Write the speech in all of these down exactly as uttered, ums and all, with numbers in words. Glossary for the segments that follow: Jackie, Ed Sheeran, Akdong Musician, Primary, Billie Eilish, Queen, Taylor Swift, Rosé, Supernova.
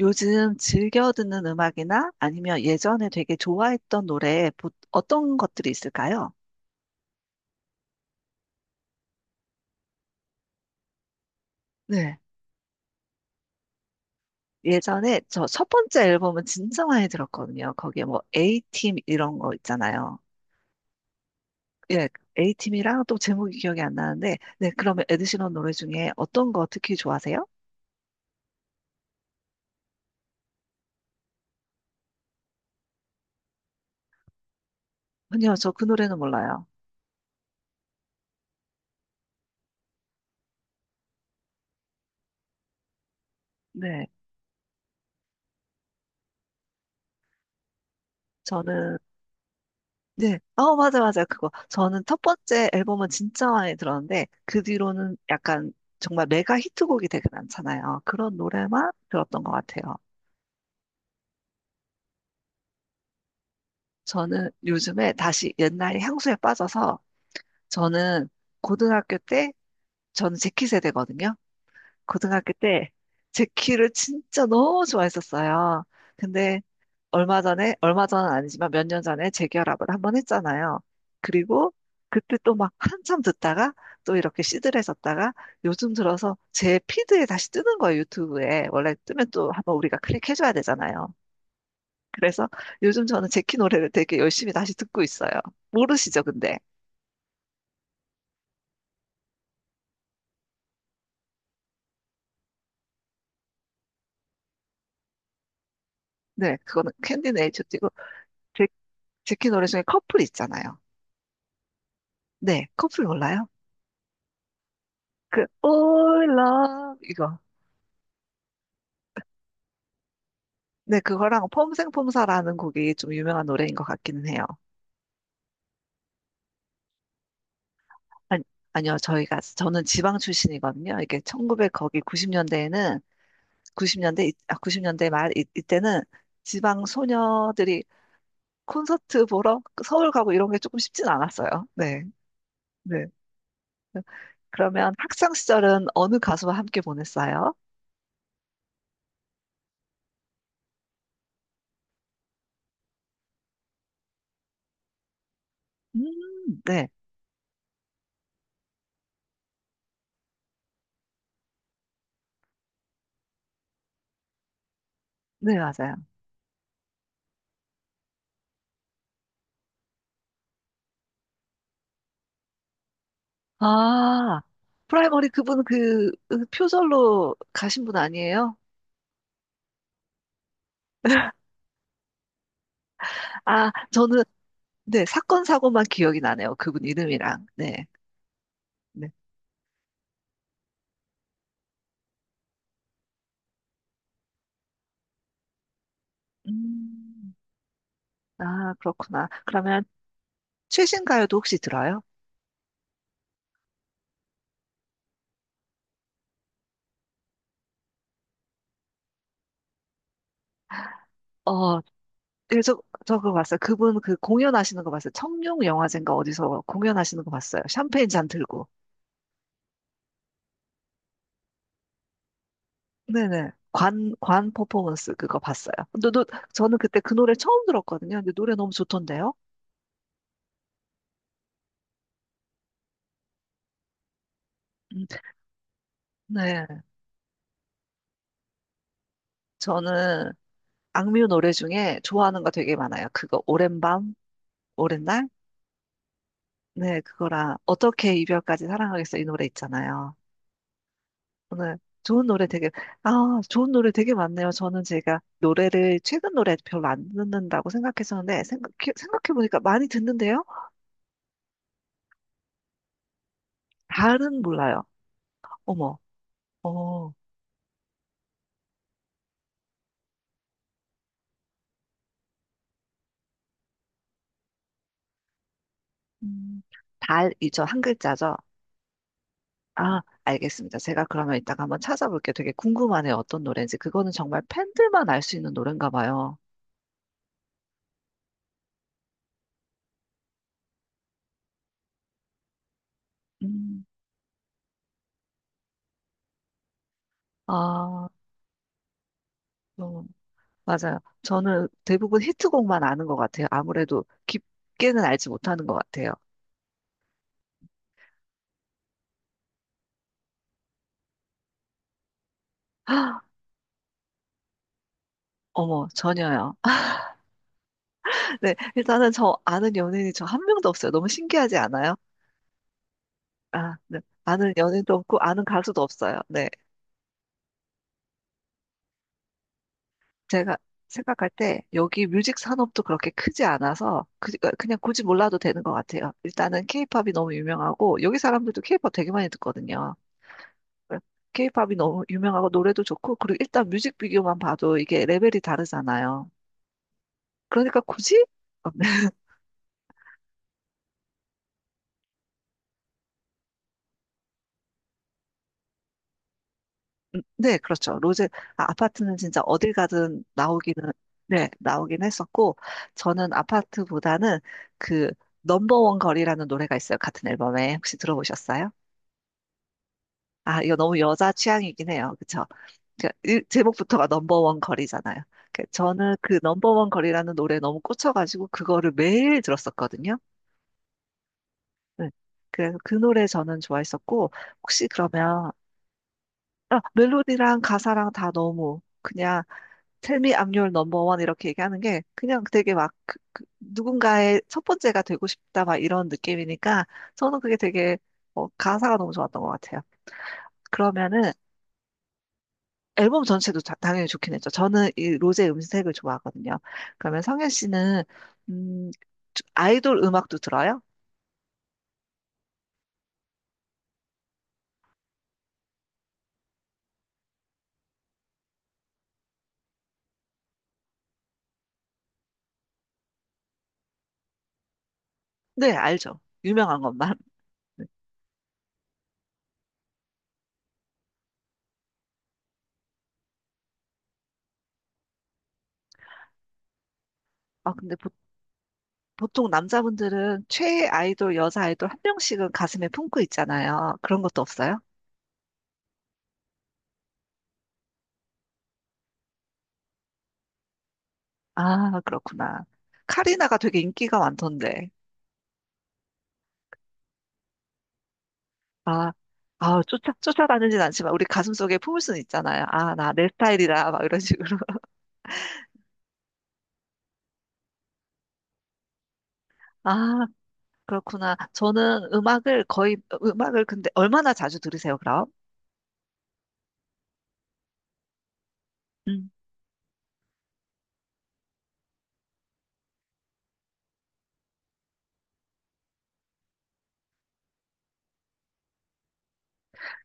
요즘 즐겨 듣는 음악이나 아니면 예전에 되게 좋아했던 노래 보- 어떤 것들이 있을까요? 네. 예전에 저 첫 번째 앨범은 진짜 많이 들었거든요. 거기에 뭐 A팀 이런 거 있잖아요. 예, A팀이랑 또 제목이 기억이 안 나는데, 네, 그러면 에드시런 노래 중에 어떤 거 특히 좋아하세요? 아니요, 저 그 노래는 몰라요. 네, 저는. 네. 어, 맞아, 맞아. 그거. 저는 첫 번째 앨범은 진짜 많이 들었는데, 그 뒤로는 약간 정말 메가 히트곡이 되게 많잖아요. 그런 노래만 들었던 것 같아요. 저는 요즘에 다시 옛날 향수에 빠져서, 저는 고등학교 때, 저는 재키 세대거든요. 고등학교 때 제키를 진짜 너무 좋아했었어요. 근데 얼마 전에, 얼마 전은 아니지만 몇 년 전에 재결합을 한 번 했잖아요. 그리고 그때 또 막 한참 듣다가 또 이렇게 시들해졌다가 요즘 들어서 제 피드에 다시 뜨는 거예요, 유튜브에. 원래 뜨면 또 한번 우리가 클릭해줘야 되잖아요. 그래서 요즘 저는 제키 노래를 되게 열심히 다시 듣고 있어요. 모르시죠, 근데? 네, 그거는 캔디 네이처 띄고 제, 제키 노래 중에 커플 있잖아요. 네, 커플 몰라요? 그 All Love 이거. 네, 그거랑 폼생폼사라는 곡이 좀 유명한 노래인 것 같기는 해요. 아니, 아니요, 저희가 저는 지방 출신이거든요. 이게 천구백 거기 구십 년대에는 구십 년대 아, 구십 년대 말 이, 이때는 지방 소녀들이 콘서트 보러 서울 가고 이런 게 조금 쉽진 않았어요. 네, 네. 그러면 학창 시절은 어느 가수와 함께 보냈어요? 음, 네, 네, 맞아요. 아, 프라이머리 그분 그, 그 표절로 가신 분 아니에요? 아, 저는, 네, 사건, 사고만 기억이 나네요. 그분 이름이랑. 네. 네. 음, 아, 그렇구나. 그러면 최신 가요도 혹시 들어요? 어, 예, 저, 저 그거 봤어요. 그분 그 공연하시는 거 봤어요. 청룡 영화제인가 어디서 공연하시는 거 봤어요. 샴페인 잔 들고. 네네. 관, 관 퍼포먼스 그거 봤어요. 근데 노- 저는 그때 그 노래 처음 들었거든요. 근데 노래 너무 좋던데요? 음, 네. 저는 악뮤 노래 중에 좋아하는 거 되게 많아요. 그거 오랜 밤, 오랜 날? 네, 그거랑 어떻게 이별까지 사랑하겠어 이 노래 있잖아요. 오늘 좋은 노래 되게 아, 좋은 노래 되게 많네요. 저는 제가 노래를 최근 노래 별로 안 듣는다고 생각했었는데 생각, 생각해 보니까 많이 듣는데요. 달은 몰라요. 어머. 어. 음, 달이죠. 한 글자죠. 아, 알겠습니다. 제가 그러면 이따가 한번 찾아볼게요. 되게 궁금하네요. 어떤 노래인지. 그거는 정말 팬들만 알 수 있는 노래인가 봐요. 음. 아, 어, 맞아요. 저는 대부분 히트곡만 아는 것 같아요. 아무래도 깊게는 알지 못하는 것 같아요. 헉, 어머, 전혀요. 네, 일단은 저 아는 연예인이 저 한 명도 없어요. 너무 신기하지 않아요? 아, 네. 아는 연예인도 없고 아는 가수도 없어요. 네. 제가 생각할 때 여기 뮤직 산업도 그렇게 크지 않아서 그, 어, 그냥 굳이 몰라도 되는 것 같아요. 일단은 케이팝이 너무 유명하고 여기 사람들도 케이팝 되게 많이 듣거든요. 케이팝이 너무 유명하고 노래도 좋고 그리고 일단 뮤직비디오만 봐도 이게 레벨이 다르잖아요. 그러니까 굳이 어, 네, 네, 그렇죠. 로제, 아, 파트는 진짜 어딜 가든 나오기는, 네, 나오긴 했었고 저는 아파트보다는 그 넘버원 거리라는 노래가 있어요. 같은 앨범에 혹시 들어보셨어요? 아, 이거 너무 여자 취향이긴 해요. 그렇죠? 그러니까 일- 제목부터가 넘버원 거리잖아요. 그 저는 그 넘버원 거리라는 노래에 너무 꽂혀가지고 그거를 매일 들었었거든요. 네. 그래서 그 노래 저는 좋아했었고, 혹시 그러면, 아, 멜로디랑 가사랑 다 너무 그냥 Tell me I'm your number one 이렇게 얘기하는 게 그냥 되게 막 그- 그 누군가의 첫 번째가 되고 싶다 막 이런 느낌이니까 저는 그게 되게 어, 가사가 너무 좋았던 것 같아요. 그러면은 앨범 전체도 다- 당연히 좋긴 했죠. 저는 이 로제 음색을 좋아하거든요. 그러면 성현 씨는 음, 아이돌 음악도 들어요? 네, 알죠. 유명한 것만. 네. 아, 근데 보통 남자분들은 최애 아이돌, 여자 아이돌 한 명씩은 가슴에 품고 있잖아요. 그런 것도 없어요? 아, 그렇구나. 카리나가 되게 인기가 많던데. 아, 아, 쫓아, 쫓아다니진 않지만 우리 가슴속에 품을 수는 있잖아요. 아, 나 내 스타일이다. 막 이런 식으로. 아, 그렇구나. 저는 음악을 거의, 음악을 근데 얼마나 자주 들으세요, 그럼? 음,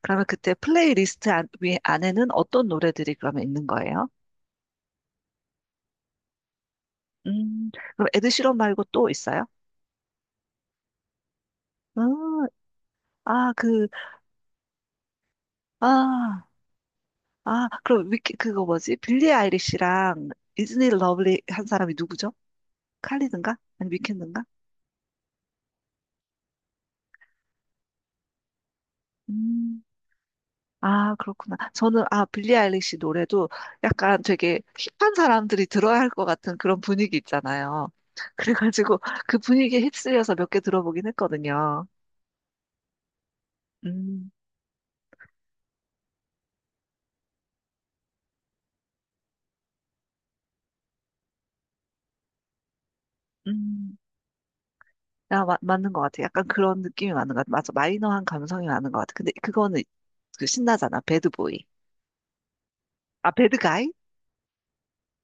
그러면 그때 플레이리스트 안, 위, 안에는 어떤 노래들이 그러면 있는 거예요? 음, 그럼 에드시런 말고 또 있어요? 음, 아, 그 아, 아, 그럼 위키, 그거 뭐지? 빌리 아이리시랑 이즈니 러블리 한 사람이 누구죠? 칼리든가? 아니, 위켄드인가? 음, 아, 그렇구나. 저는, 아, 빌리 아이리시 노래도 약간 되게 힙한 사람들이 들어야 할 것 같은 그런 분위기 있잖아요. 그래가지고 그 분위기에 휩쓸려서 몇 개 들어보긴 했거든요. 음, 음. 아, 마- 맞는 것 같아. 약간 그런 느낌이 맞는 것 같아. 맞아. 마이너한 감성이 많은 것 같아. 근데 그거는 그 신나잖아. 배드보이. 아, 배드가이?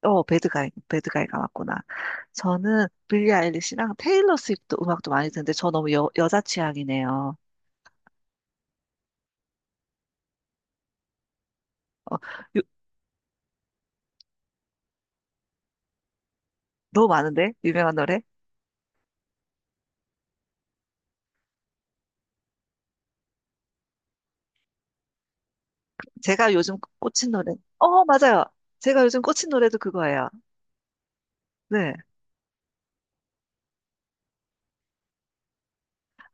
어, 배드가이, 배드가이가 맞구나. 저는 빌리 아일리시랑 테일러 스위프트 음악도 많이 듣는데 저 너무 여, 여자 취향이네요. 어, 요- 너무 많은데? 유명한 노래? 제가 요즘 꽂힌 노래. 어, 맞아요. 제가 요즘 꽂힌 노래도 그거예요. 네.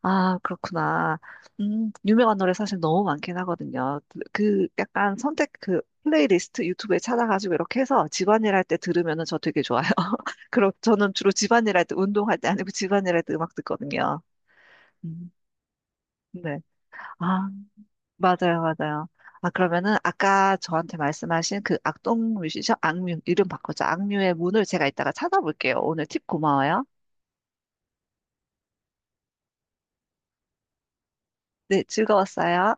아, 그렇구나. 음, 유명한 노래 사실 너무 많긴 하거든요. 그, 그 약간 선택 그 플레이리스트 유튜브에 찾아가지고 이렇게 해서 집안일 할 때 들으면은 저 되게 좋아요. 그럼 저는 주로 집안일 할 때 운동할 때 아니고 집안일 할 때 음악 듣거든요. 음. 네. 아, 맞아요, 맞아요. 아, 그러면은 아까 저한테 말씀하신 그 악동 뮤지션, 악뮤, 이름 바꾸자. 악뮤의 문을 제가 이따가 찾아볼게요. 오늘 팁 고마워요. 네, 즐거웠어요.